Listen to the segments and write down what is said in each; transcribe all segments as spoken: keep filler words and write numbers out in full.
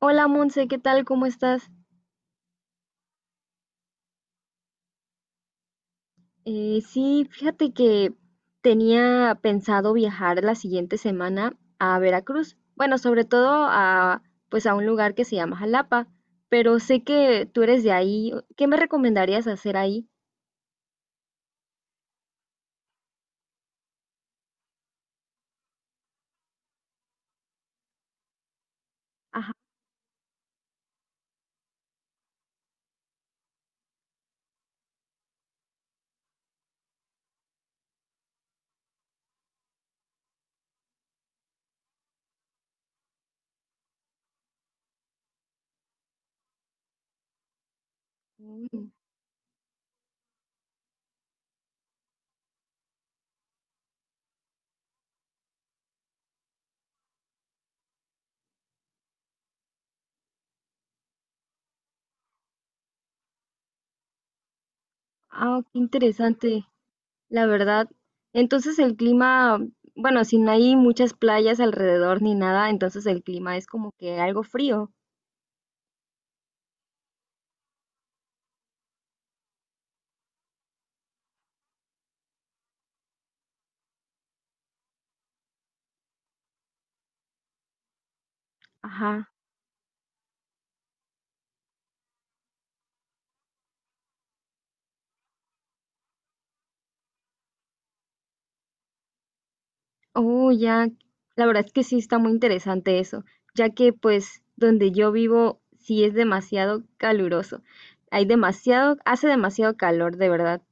Hola Monse, ¿qué tal? ¿Cómo estás? Eh, sí, fíjate que tenía pensado viajar la siguiente semana a Veracruz. Bueno, sobre todo a, pues a un lugar que se llama Jalapa, pero sé que tú eres de ahí. ¿Qué me recomendarías hacer ahí? Ajá. Mm. Ah, qué interesante, la verdad. Entonces el clima, bueno, si no hay muchas playas alrededor ni nada, entonces el clima es como que algo frío. Ajá. Oh, ya, la verdad es que sí está muy interesante eso, ya que pues donde yo vivo sí es demasiado caluroso. Hay demasiado, hace demasiado calor, de verdad.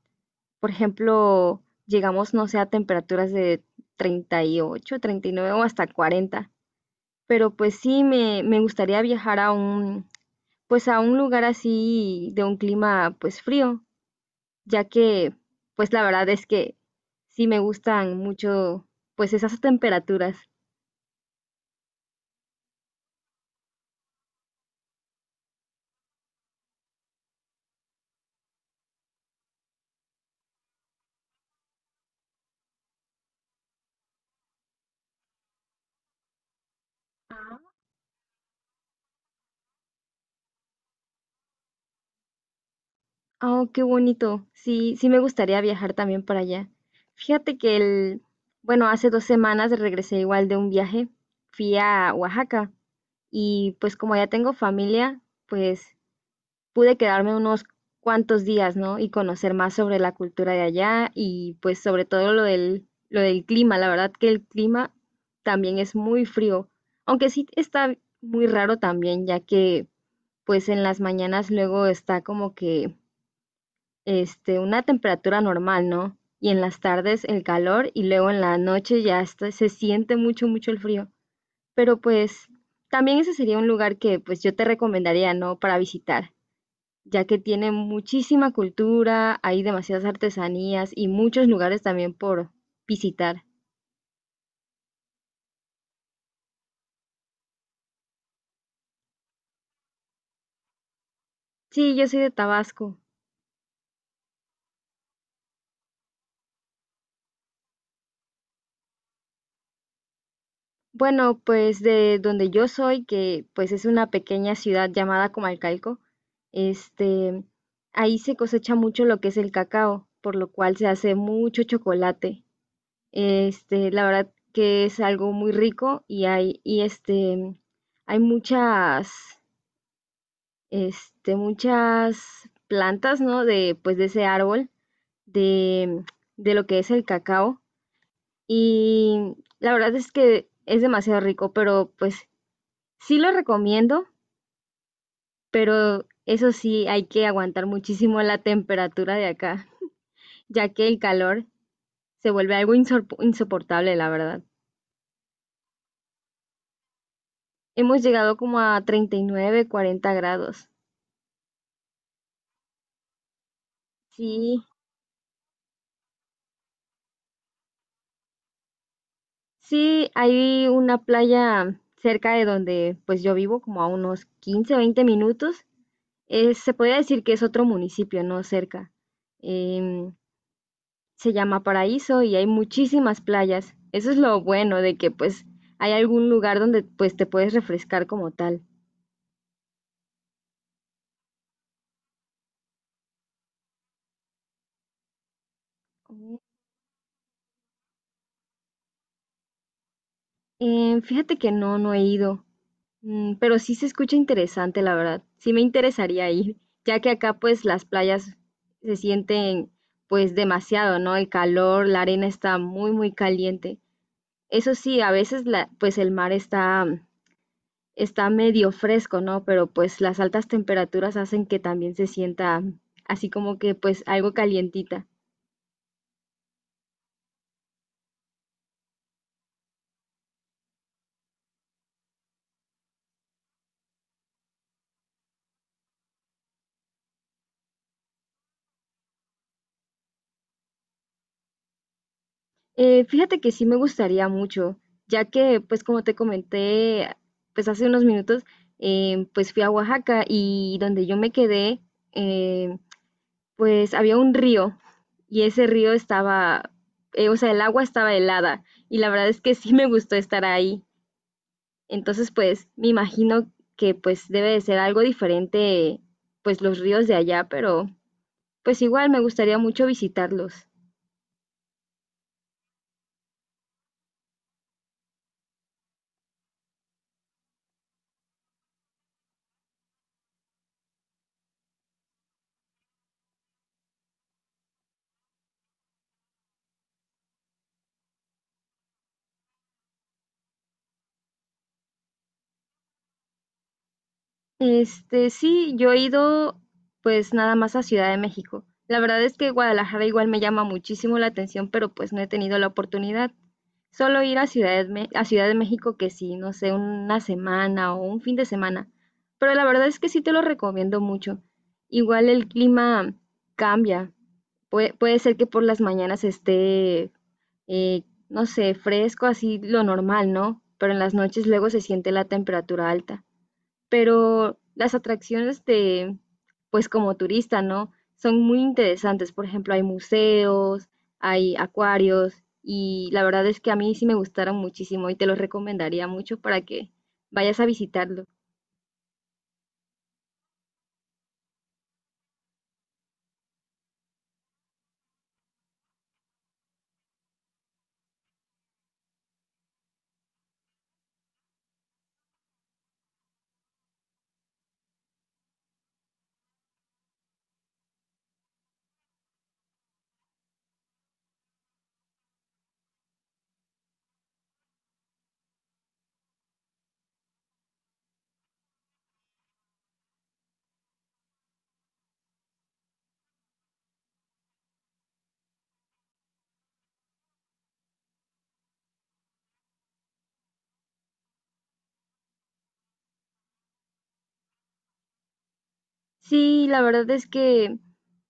Por ejemplo, llegamos, no sé, a temperaturas de treinta y ocho, treinta y nueve o hasta cuarenta. Pero pues sí, me, me gustaría viajar a un, pues a un lugar así de un clima pues frío, ya que pues la verdad es que sí me gustan mucho pues esas temperaturas. Oh, qué bonito. Sí, sí me gustaría viajar también para allá. Fíjate que el, bueno, hace dos semanas regresé igual de un viaje. Fui a Oaxaca y pues como ya tengo familia, pues pude quedarme unos cuantos días, ¿no? Y conocer más sobre la cultura de allá y pues sobre todo lo del, lo del clima. La verdad que el clima también es muy frío, aunque sí está muy raro también, ya que pues en las mañanas luego está como que este, una temperatura normal, ¿no? Y en las tardes el calor y luego en la noche ya está- se siente mucho, mucho el frío. Pero pues también ese sería un lugar que pues yo te recomendaría, ¿no? Para visitar, ya que tiene muchísima cultura, hay demasiadas artesanías y muchos lugares también por visitar. Sí, yo soy de Tabasco. Bueno, pues de donde yo soy, que pues es una pequeña ciudad llamada Comalcalco, este, ahí se cosecha mucho lo que es el cacao, por lo cual se hace mucho chocolate. Este, la verdad que es algo muy rico y hay, y este, hay muchas, este, muchas plantas, ¿no? De, pues de ese árbol, de, de lo que es el cacao. Y la verdad es que es demasiado rico, pero pues sí lo recomiendo, pero eso sí, hay que aguantar muchísimo la temperatura de acá, ya que el calor se vuelve algo insor- insoportable, la verdad. Hemos llegado como a treinta y nueve, cuarenta grados. Sí, sí, hay una playa cerca de donde pues yo vivo, como a unos quince, veinte minutos. Eh, se podría decir que es otro municipio, no cerca. Em, se llama Paraíso y hay muchísimas playas. Eso es lo bueno de que pues hay algún lugar donde pues te puedes refrescar como tal. Eh, fíjate que no, no he ido. Mm, pero sí se escucha interesante, la verdad. Sí me interesaría ir, ya que acá pues las playas se sienten pues demasiado, ¿no? El calor, la arena está muy, muy caliente. Eso sí, a veces la, pues el mar está está medio fresco, ¿no? Pero pues las altas temperaturas hacen que también se sienta así como que pues algo calientita. Eh, fíjate que sí me gustaría mucho, ya que pues como te comenté pues hace unos minutos, eh, pues fui a Oaxaca y donde yo me quedé, eh, pues había un río y ese río estaba, eh, o sea, el agua estaba helada y la verdad es que sí me gustó estar ahí. Entonces, pues me imagino que pues debe de ser algo diferente, pues los ríos de allá, pero pues igual me gustaría mucho visitarlos. Este, sí, yo he ido pues nada más a Ciudad de México. La verdad es que Guadalajara igual me llama muchísimo la atención, pero pues no he tenido la oportunidad. Solo ir a Ciudad de, Me- a Ciudad de México que sí, no sé, una semana o un fin de semana. Pero la verdad es que sí te lo recomiendo mucho. Igual el clima cambia. Puede, puede ser que por las mañanas esté, eh, no sé, fresco, así lo normal, ¿no? Pero en las noches luego se siente la temperatura alta. Pero las atracciones de, pues como turista, ¿no? Son muy interesantes. Por ejemplo, hay museos, hay acuarios y la verdad es que a mí sí me gustaron muchísimo y te los recomendaría mucho para que vayas a visitarlo. Sí, la verdad es que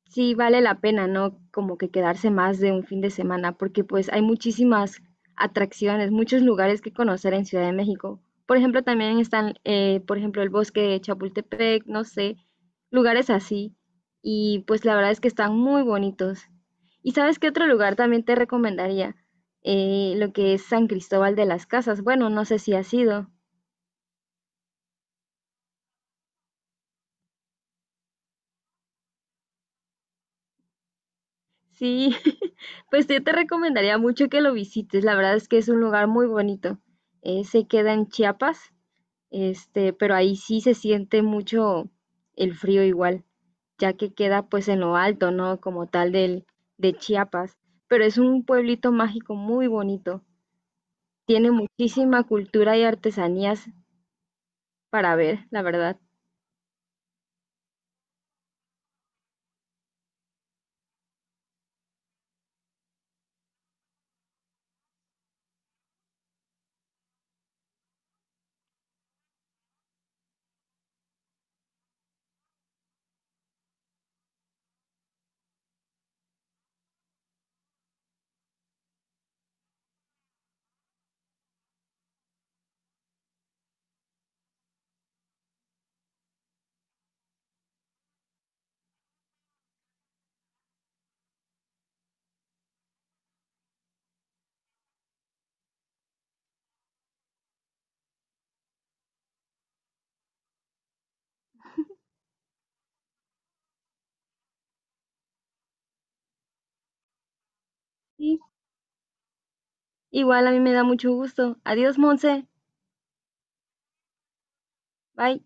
sí vale la pena, ¿no? Como que quedarse más de un fin de semana, porque pues hay muchísimas atracciones, muchos lugares que conocer en Ciudad de México. Por ejemplo, también están, eh, por ejemplo, el bosque de Chapultepec, no sé, lugares así. Y pues la verdad es que están muy bonitos. ¿Y sabes qué otro lugar también te recomendaría? Eh, lo que es San Cristóbal de las Casas. Bueno, no sé si has ido. Sí, pues yo te recomendaría mucho que lo visites. La verdad es que es un lugar muy bonito. Eh, se queda en Chiapas, este, pero ahí sí se siente mucho el frío igual, ya que queda pues en lo alto, ¿no? Como tal del, de Chiapas. Pero es un pueblito mágico muy bonito. Tiene muchísima cultura y artesanías para ver, la verdad. Sí, igual a mí me da mucho gusto. Adiós, Monse. Bye.